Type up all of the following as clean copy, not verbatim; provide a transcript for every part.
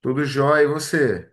Tudo jóia, e você?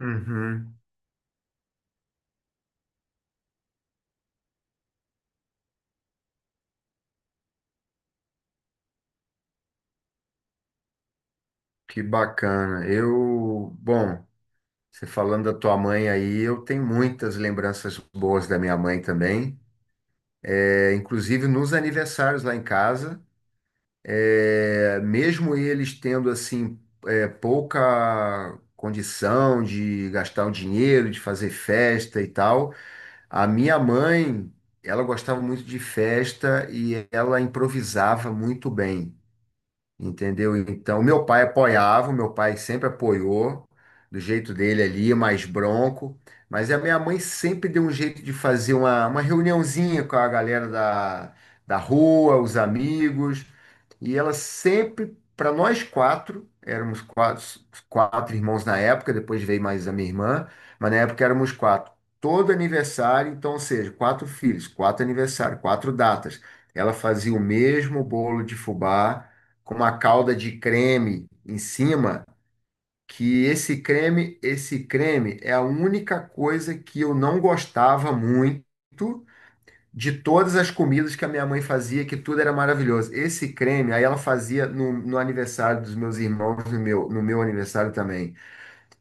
Uhum. Que bacana. Eu, bom, você falando da tua mãe aí, eu tenho muitas lembranças boas da minha mãe também. É, inclusive nos aniversários lá em casa, mesmo eles tendo pouca condição de gastar o dinheiro, de fazer festa e tal, a minha mãe, ela gostava muito de festa e ela improvisava muito bem. Entendeu? Então, meu pai apoiava, meu pai sempre apoiou, do jeito dele ali, mais bronco. Mas a minha mãe sempre deu um jeito de fazer uma reuniãozinha com a galera da rua, os amigos. E ela sempre, para nós quatro, éramos quatro, quatro irmãos na época, depois veio mais a minha irmã, mas na época éramos quatro. Todo aniversário, então, ou seja, quatro filhos, quatro aniversários, quatro datas. Ela fazia o mesmo bolo de fubá com uma calda de creme em cima, que esse creme é a única coisa que eu não gostava muito de todas as comidas que a minha mãe fazia, que tudo era maravilhoso. Esse creme, aí ela fazia no aniversário dos meus irmãos, no meu, no meu aniversário também.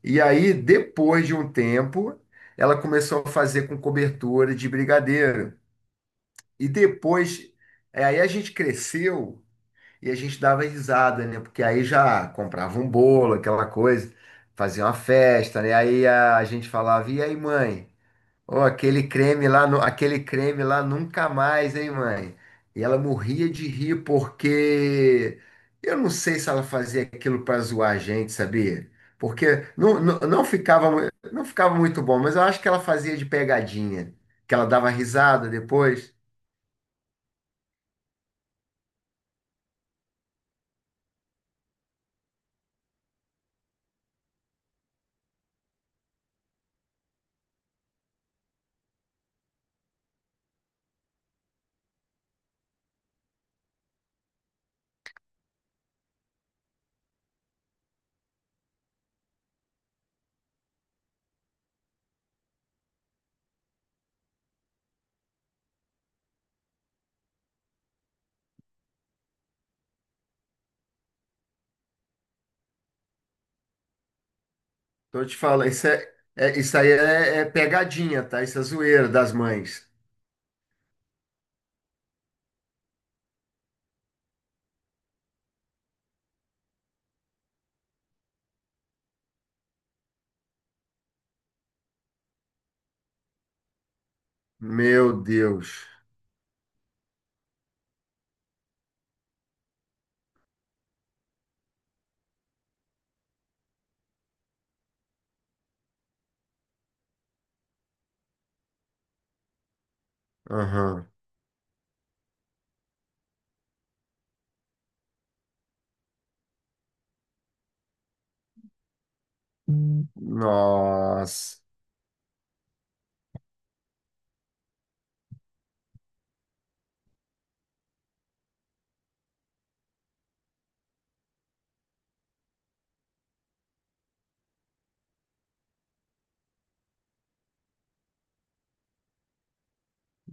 E aí, depois de um tempo, ela começou a fazer com cobertura de brigadeiro. E depois, aí a gente cresceu e a gente dava risada, né? Porque aí já comprava um bolo, aquela coisa, fazia uma festa, né? Aí a gente falava, e aí, mãe? Ó, aquele creme lá, aquele creme lá nunca mais, hein, mãe? E ela morria de rir porque eu não sei se ela fazia aquilo para zoar a gente, sabia? Porque não ficava, não ficava muito bom, mas eu acho que ela fazia de pegadinha, que ela dava risada depois. Então eu te falo, isso, isso aí é pegadinha, tá? Isso é zoeira das mães. Meu Deus. Aham. Nossa.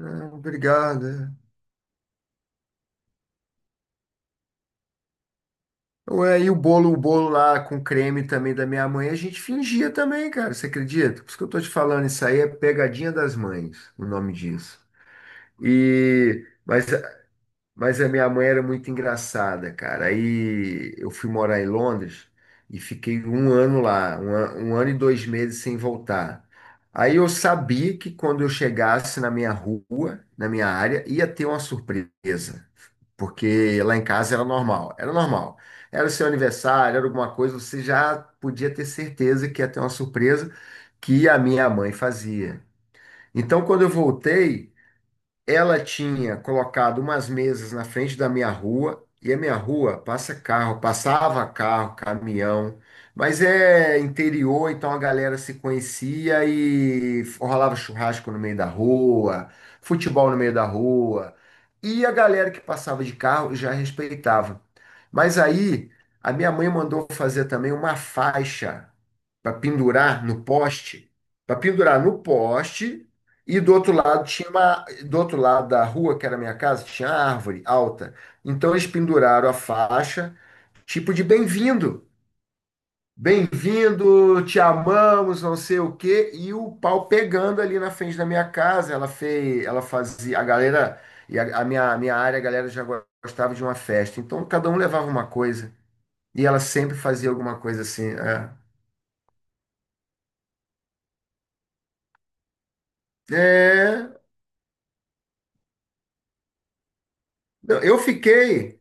É, obrigado. É. Ué, e o bolo lá com creme também da minha mãe, a gente fingia também, cara. Você acredita? Por isso que eu tô te falando, isso aí é pegadinha das mães, o nome disso. Mas mas a minha mãe era muito engraçada, cara. Aí eu fui morar em Londres e fiquei um ano lá, um ano e dois meses sem voltar. Aí eu sabia que quando eu chegasse na minha rua, na minha área, ia ter uma surpresa, porque lá em casa era normal, era normal. Era o seu aniversário, era alguma coisa, você já podia ter certeza que ia ter uma surpresa que a minha mãe fazia. Então, quando eu voltei ela tinha colocado umas mesas na frente da minha rua, e a minha rua passa carro, passava carro, caminhão, mas é interior, então a galera se conhecia e rolava churrasco no meio da rua, futebol no meio da rua, e a galera que passava de carro já respeitava. Mas aí a minha mãe mandou fazer também uma faixa para pendurar no poste, para pendurar no poste e do outro lado tinha uma, do outro lado da rua, que era a minha casa, tinha árvore alta. Então eles penduraram a faixa, tipo de bem-vindo. Bem-vindo, te amamos, não sei o quê, e o pau pegando ali na frente da minha casa. Ela fez, ela fazia, a galera, e a minha área, a galera já gostava de uma festa. Então cada um levava uma coisa, e ela sempre fazia alguma coisa assim. É, é, não, eu fiquei.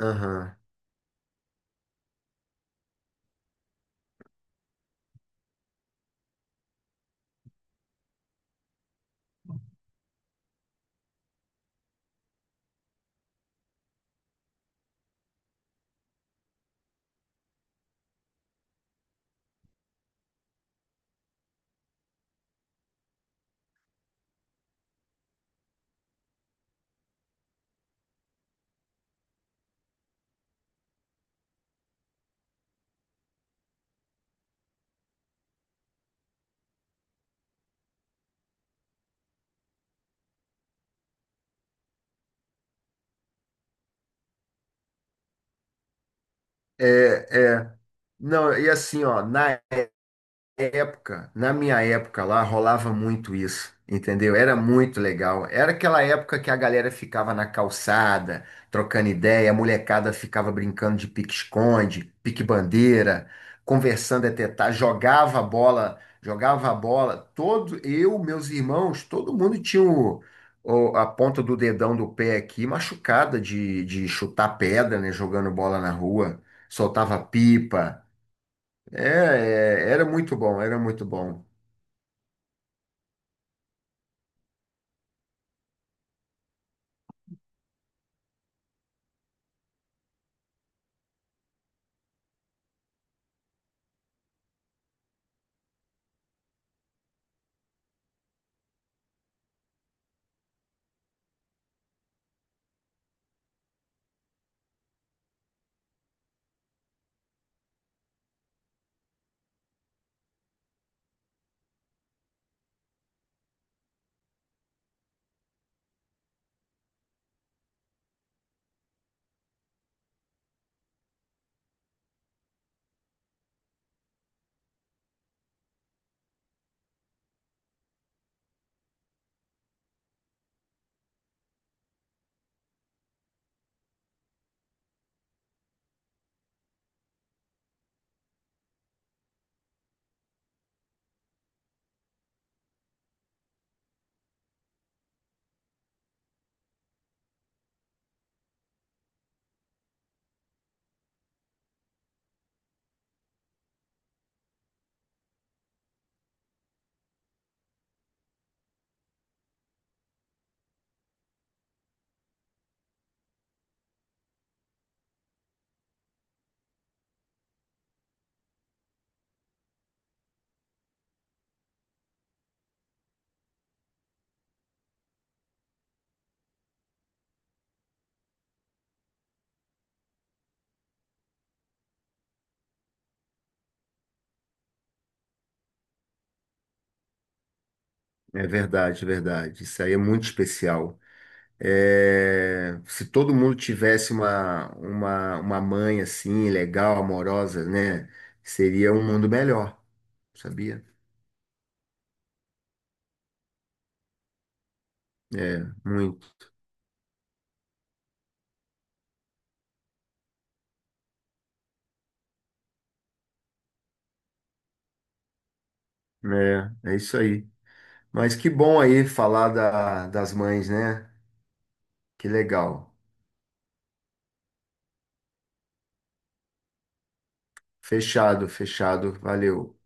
Aham. É, é. Não, e assim, ó, na época, na minha época lá, rolava muito isso, entendeu? Era muito legal. Era aquela época que a galera ficava na calçada, trocando ideia, a molecada ficava brincando de pique-esconde, pique-bandeira, conversando até tarde, jogava a bola, jogava a bola. Todo, eu, meus irmãos, todo mundo tinha a ponta do dedão do pé aqui machucada de chutar pedra, né? Jogando bola na rua, soltava pipa. É, é, era muito bom, era muito bom. É verdade, verdade. Isso aí é muito especial. É, se todo mundo tivesse uma mãe assim, legal, amorosa, né? Seria um mundo melhor, sabia? É, muito. É, é isso aí. Mas que bom aí falar das mães, né? Que legal. Fechado, fechado. Valeu.